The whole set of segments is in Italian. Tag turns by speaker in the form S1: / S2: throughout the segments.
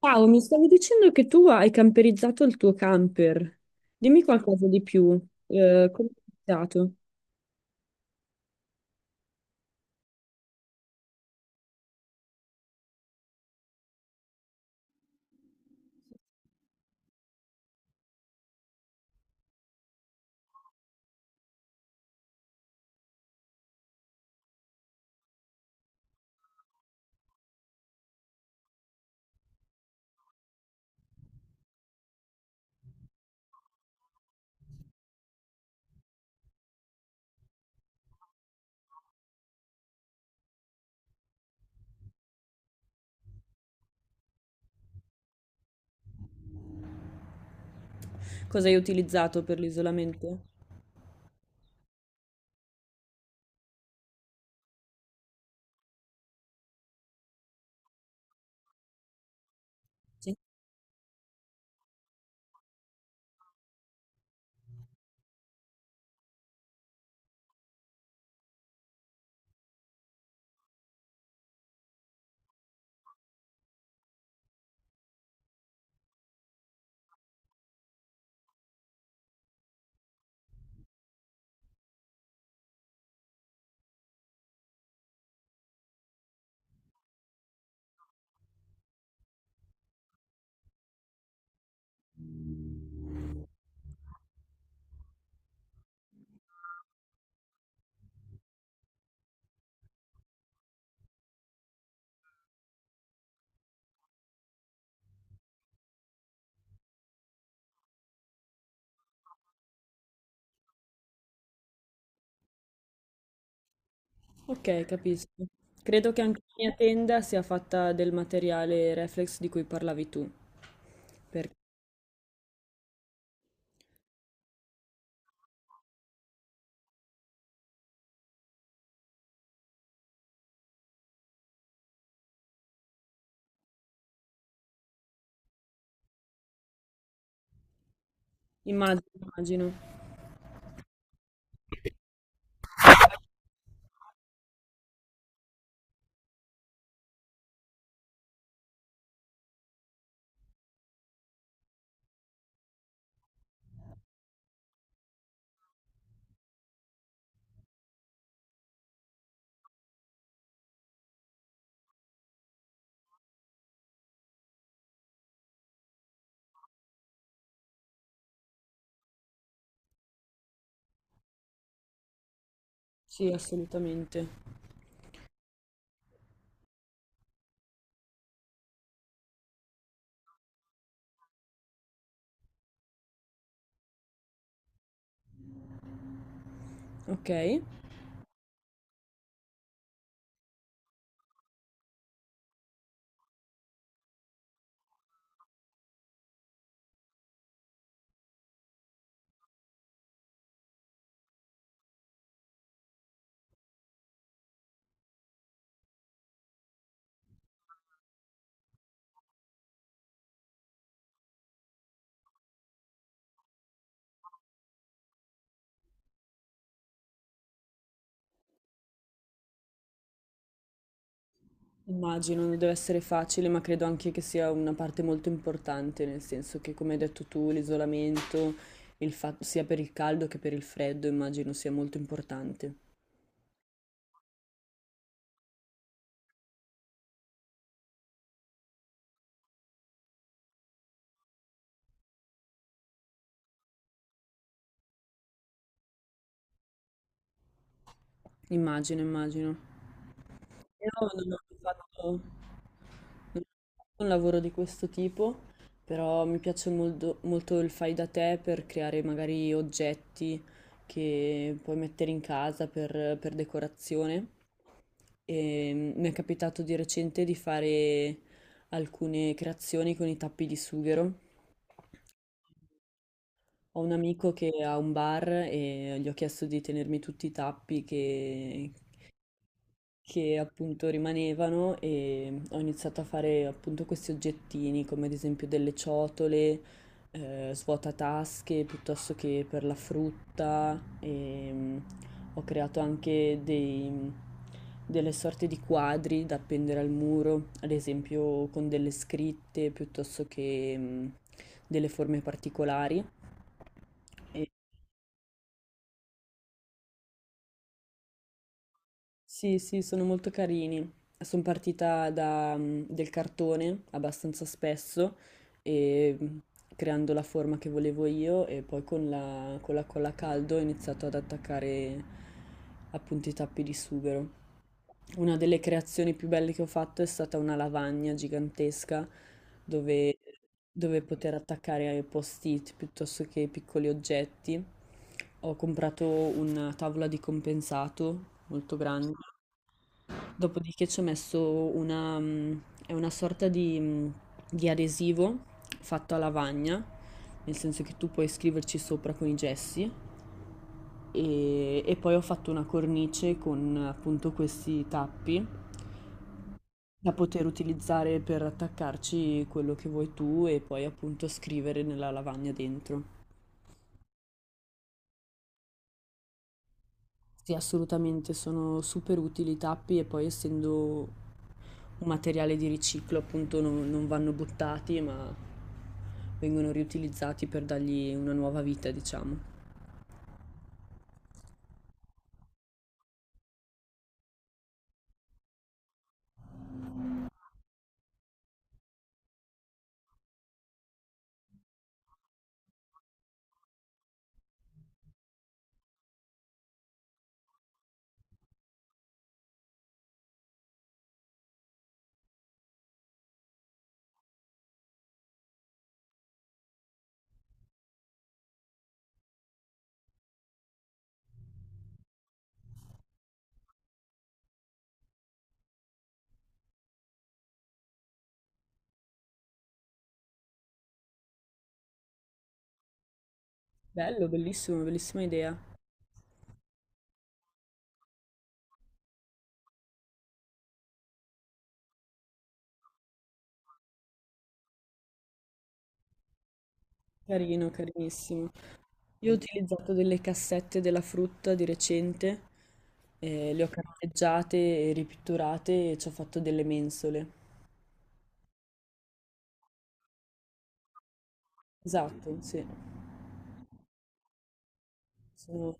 S1: Ciao, mi stavi dicendo che tu hai camperizzato il tuo camper. Dimmi qualcosa di più. Come hai utilizzato? Cosa hai utilizzato per l'isolamento? Sì. Ok, capisco. Credo che anche la mia tenda sia fatta del materiale reflex di cui parlavi tu. perché- Immagino, immagino. Sì, assolutamente. Ok. Immagino, non deve essere facile, ma credo anche che sia una parte molto importante, nel senso che, come hai detto tu, l'isolamento, sia per il caldo che per il freddo, immagino sia molto importante. Immagino, immagino. Io non ho mai fatto Non ho fatto un lavoro di questo tipo, però mi piace molto, molto il fai da te per creare magari oggetti che puoi mettere in casa per decorazione. E mi è capitato di recente di fare alcune creazioni con i tappi di sughero. Ho un amico che ha un bar e gli ho chiesto di tenermi tutti i tappi che appunto rimanevano e ho iniziato a fare appunto questi oggettini come ad esempio delle ciotole, svuotatasche piuttosto che per la frutta e ho creato anche delle sorte di quadri da appendere al muro, ad esempio con delle scritte piuttosto che delle forme particolari. Sì, sì, sono molto carini. Sono partita da del cartone abbastanza spesso, e creando la forma che volevo io e poi con la colla a caldo ho iniziato ad attaccare appunto i tappi di sughero. Una delle creazioni più belle che ho fatto è stata una lavagna gigantesca dove, dove poter attaccare post-it piuttosto che piccoli oggetti. Ho comprato una tavola di compensato molto grande. Dopodiché ci ho messo una è una sorta di di adesivo fatto a lavagna, nel senso che tu puoi scriverci sopra con i gessi e poi ho fatto una cornice con appunto questi tappi da poter utilizzare per attaccarci quello che vuoi tu e poi appunto scrivere nella lavagna dentro. Sì, assolutamente, sono super utili i tappi e poi essendo un materiale di riciclo, appunto, non vanno buttati, ma vengono riutilizzati per dargli una nuova vita, diciamo. Bello, bellissimo, bellissima idea. Carino, carinissimo. Io ho utilizzato delle cassette della frutta di recente, le ho carteggiate e ripitturate e ci ho fatto delle mensole. Esatto, sì. Sono-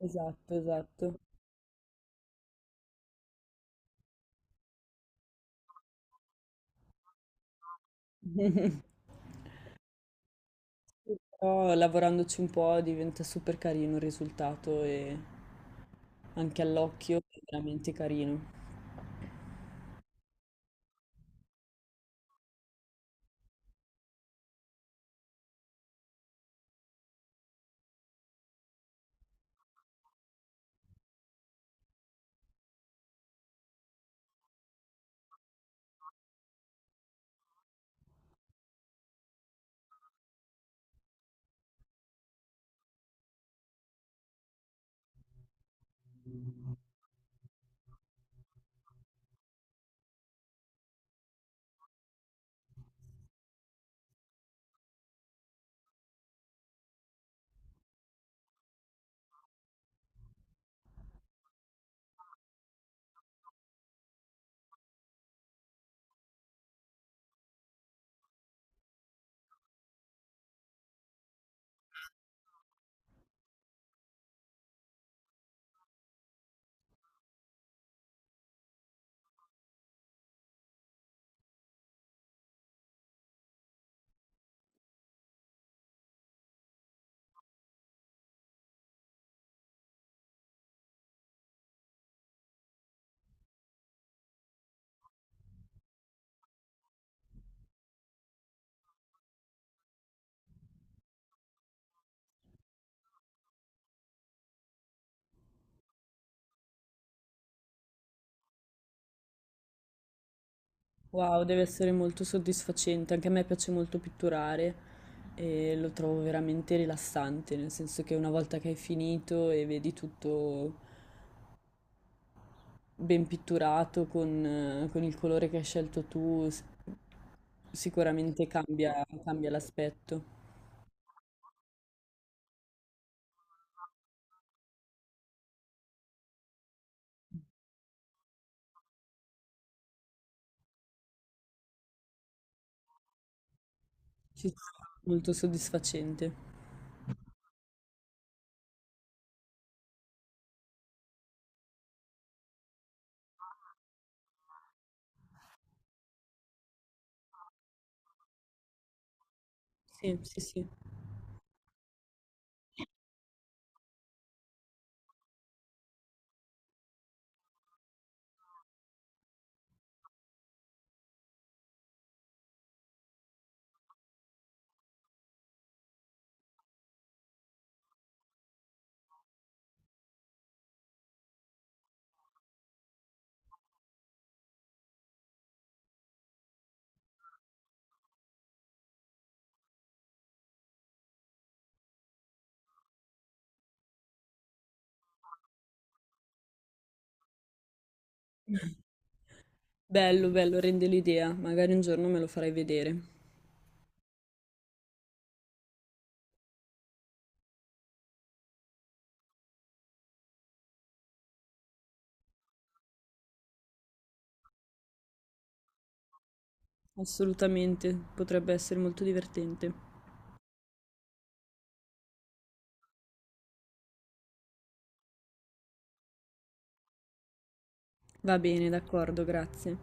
S1: Esatto, esatto. Però lavorandoci un po' diventa super carino il risultato e anche all'occhio è veramente carino. Wow, deve essere molto soddisfacente, anche a me piace molto pitturare e lo trovo veramente rilassante, nel senso che una volta che hai finito e vedi tutto ben pitturato con il colore che hai scelto tu, sicuramente cambia, cambia l'aspetto. Sì, sì, molto soddisfacente. Sì, sì, sì. Bello, bello, rende l'idea. Magari un giorno me lo farai vedere. Assolutamente, potrebbe essere molto divertente. Va bene, d'accordo, grazie.